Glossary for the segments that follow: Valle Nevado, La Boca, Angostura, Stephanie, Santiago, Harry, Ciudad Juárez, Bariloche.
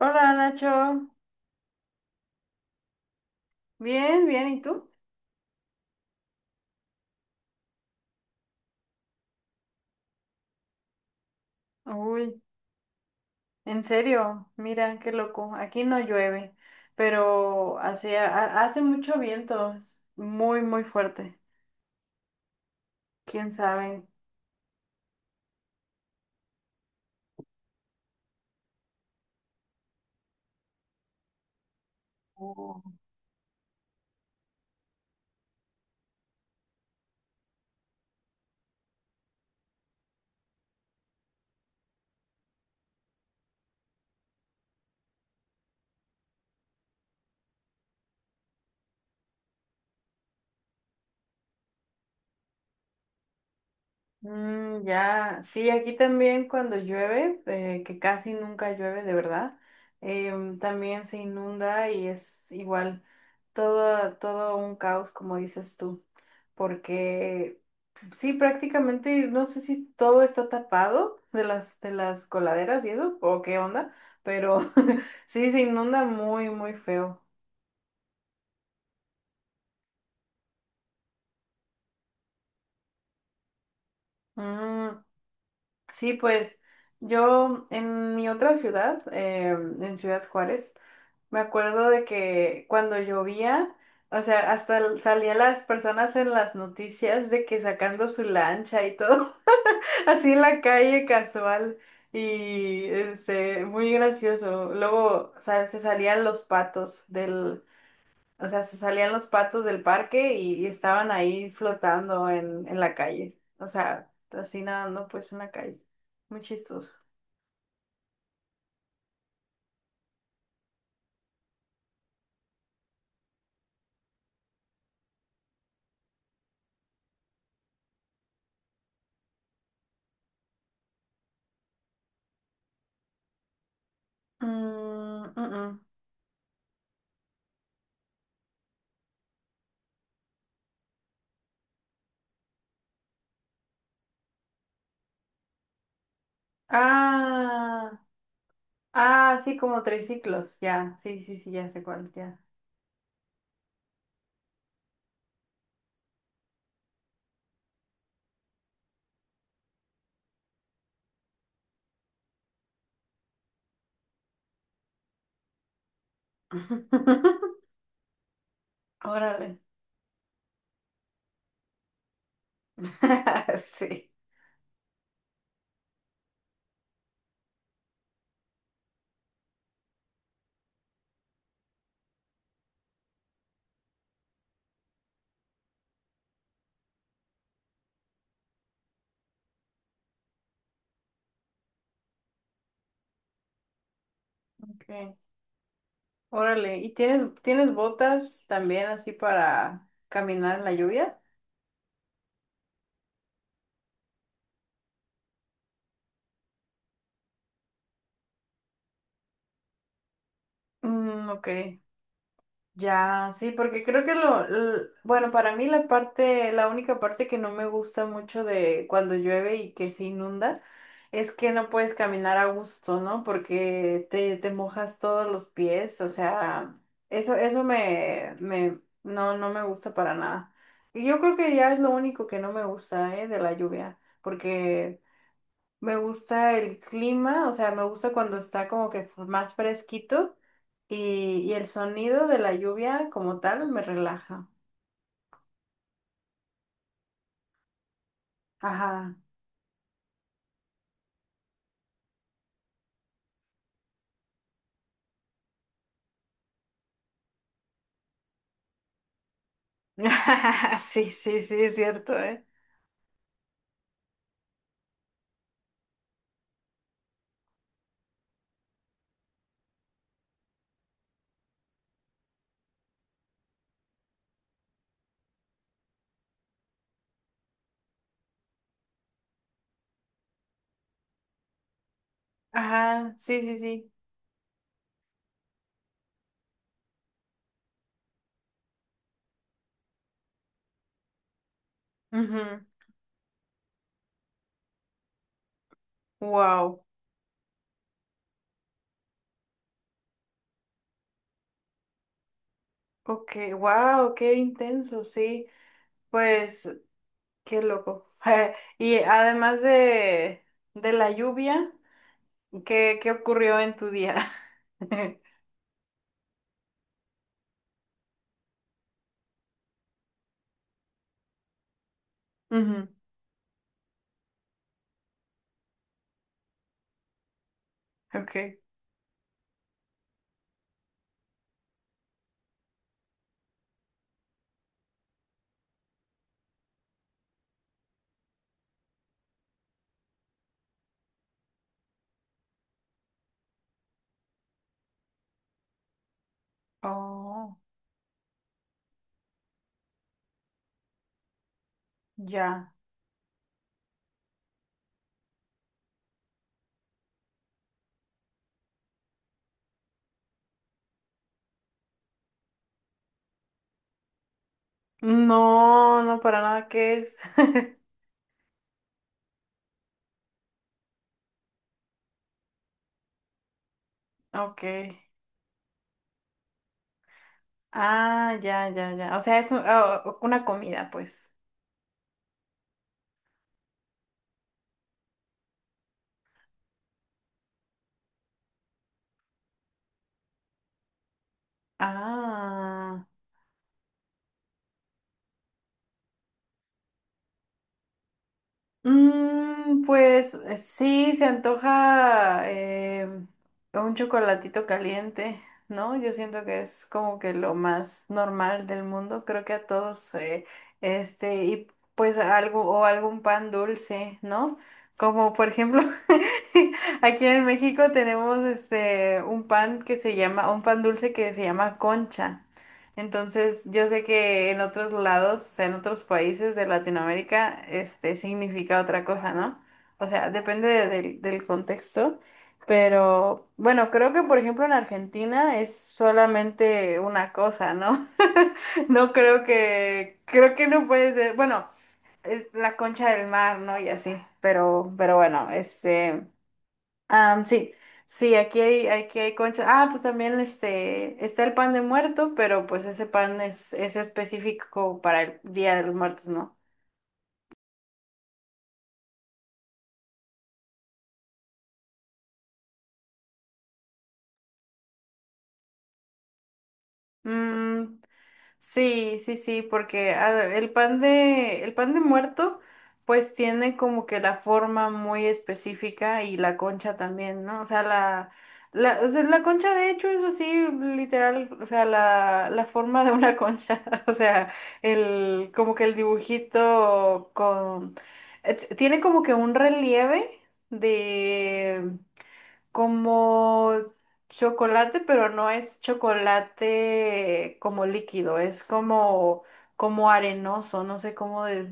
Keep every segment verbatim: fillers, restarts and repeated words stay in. Hola Nacho, bien, bien, ¿y tú? Uy, en serio, mira, qué loco, aquí no llueve, pero hace, hace mucho viento, es muy, muy fuerte, quién sabe. Mm, ya, sí, aquí también cuando llueve, eh, que casi nunca llueve de verdad, em, también se inunda y es igual todo, todo un caos, como dices tú, porque sí, prácticamente no sé si todo está tapado de las, de las coladeras y eso, o qué onda, pero sí, se inunda muy, muy feo. Mm, sí, pues yo en mi otra ciudad, em, en Ciudad Juárez, me acuerdo de que cuando llovía, o sea, hasta l- salían las personas en las noticias de que sacando su lancha y todo, así en la calle casual y este, muy gracioso. Luego, o sea, se salían los patos del, o sea, se salían los patos del parque y, y estaban ahí flotando en, en la calle, o sea, así nadando pues en la calle. Muy chistoso. Mm, mm, mm. Ah. Ah, sí, como triciclos, ya. Sí, sí, sí, ya sé cuál, ya. Órale. Sí. Okay. Órale. ¿Y tienes, tienes botas también así para caminar en la lluvia? Mm, ok. Ya, sí, porque creo que lo, l- bueno, para mí la parte, la única parte que no me gusta mucho de cuando llueve y que se inunda es que no puedes caminar a gusto, ¿no? Porque te, te mojas todos los pies, o sea, eso, eso me, me, no, no me gusta para nada. Y yo creo que ya es lo único que no me gusta, ¿eh? De la lluvia, porque me gusta el clima, o sea, me gusta cuando está como que f- más fresquito y, y el sonido de la lluvia como tal me relaja. Ajá. Sí, sí, sí, es cierto, ¿eh? Ajá, sí, sí, sí. Wow. Ok, wow, qué intenso, sí. Pues, qué loco. Y además de, de la lluvia, ¿qué, qué ocurrió en tu día? Ujú, ok. Oh, ya. No, no, para nada, ¿qué es? Ok. Ah, ya, ya, ya. O sea, es un- ah, una comida, pues. Ah. Mm, pues eh, sí, se antoja eh, un chocolatito caliente, ¿no? Yo siento que es como que lo más normal del mundo, creo que a todos, eh, este, y pues algo o algún pan dulce, ¿no? Como por ejemplo, aquí en México tenemos este un pan que se llama, un pan dulce que se llama concha. Entonces, yo sé que en otros lados, o sea, en otros países de Latinoamérica, este significa otra cosa, ¿no? O sea, depende de- del, del contexto, pero bueno, creo que por ejemplo en Argentina es solamente una cosa, ¿no? No creo que, creo que no puede ser, bueno, eh, la concha del mar, ¿no? Y así, pero, pero bueno, este... Ah, sí, sí, aquí hay, aquí hay conchas. Ah, pues también este, está el pan de muerto, pero pues ese pan es, es específico para el Día de los Muertos, ¿no? Mm, sí, sí, sí, porque ah, el pan de, el pan de muerto, pues tiene como que la forma muy específica y la concha también, ¿no? O sea, la, la, o sea, la concha de hecho es así, literal, o sea, la, la forma de una concha, o sea, el, como que el dibujito con, eh, tiene como que un relieve como chocolate, pero no es chocolate como líquido, es como, como arenoso, no sé cómo de,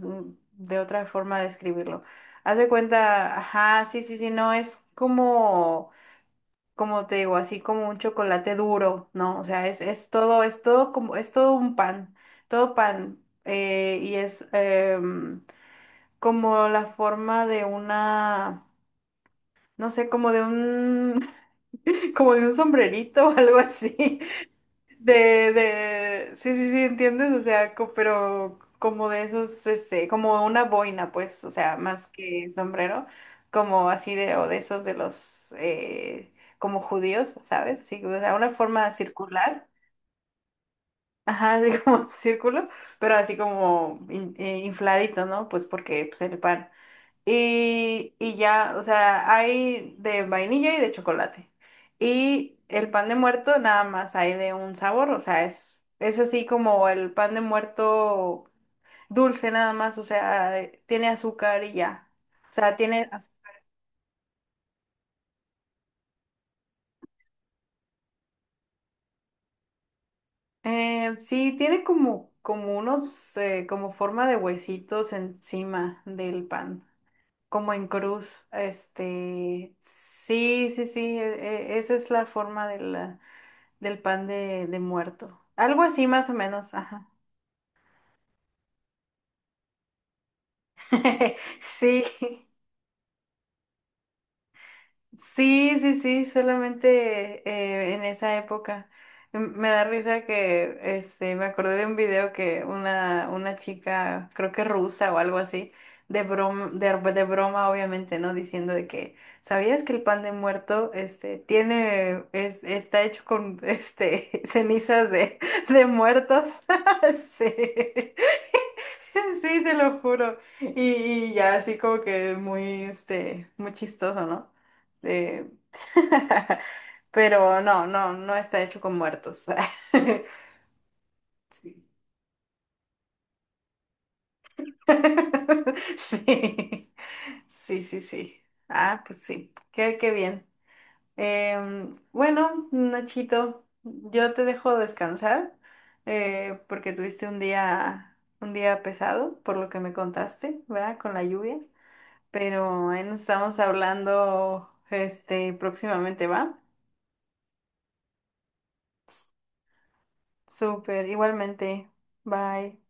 de otra forma describirlo. Haz de cuenta, ajá, sí, sí, sí, no, es como, como te digo, así como un chocolate duro, ¿no? O sea, es, es todo, es todo como, es todo un pan, todo pan, eh, y es em, como la forma de una, no sé, como de un como de un sombrerito o algo así. De, de, sí, sí, sí, ¿entiendes? O sea, co- pero como de esos, este, como una boina, pues, o sea, más que sombrero, como así de, o de esos de los, eh, como judíos, ¿sabes? Así, o sea, una forma circular, ajá, así como círculo, pero así como in- eh, infladito, ¿no? Pues porque, pues, el pan. Y, y ya, o sea, hay de vainilla y de chocolate. Y el pan de muerto nada más hay de un sabor, o sea, es, es así como el pan de muerto dulce nada más, o sea, eh, tiene azúcar y ya. O sea, tiene, az- eh, sí, tiene como, como unos, eh, como forma de huesitos encima del pan, como en cruz. Este, sí, sí, sí, e- e- esa es la forma de la... Del pan de, de muerto. Algo así más o menos, ajá. Sí, sí, sí, sí, solamente eh, en esa época. M- Me da risa que este, me acordé de un video que una, una chica, creo que rusa o algo así, de broma, de, de broma obviamente, ¿no? Diciendo de que, ¿sabías que el pan de muerto este, tiene, es, está hecho con este, cenizas de, de muertos? Sí. Sí, te lo juro. Y, y ya así como que muy, este, muy chistoso, ¿no? Eh, Pero no, no, no está hecho con muertos. Sí. Sí, sí, sí, sí. Ah, pues sí. Qué, qué bien. Em, bueno, Nachito, yo te dejo descansar eh, porque tuviste un día, un día pesado, por lo que me contaste, ¿verdad? Con la lluvia. Pero ahí nos estamos hablando este próximamente, ¿va? Súper, igualmente. Bye.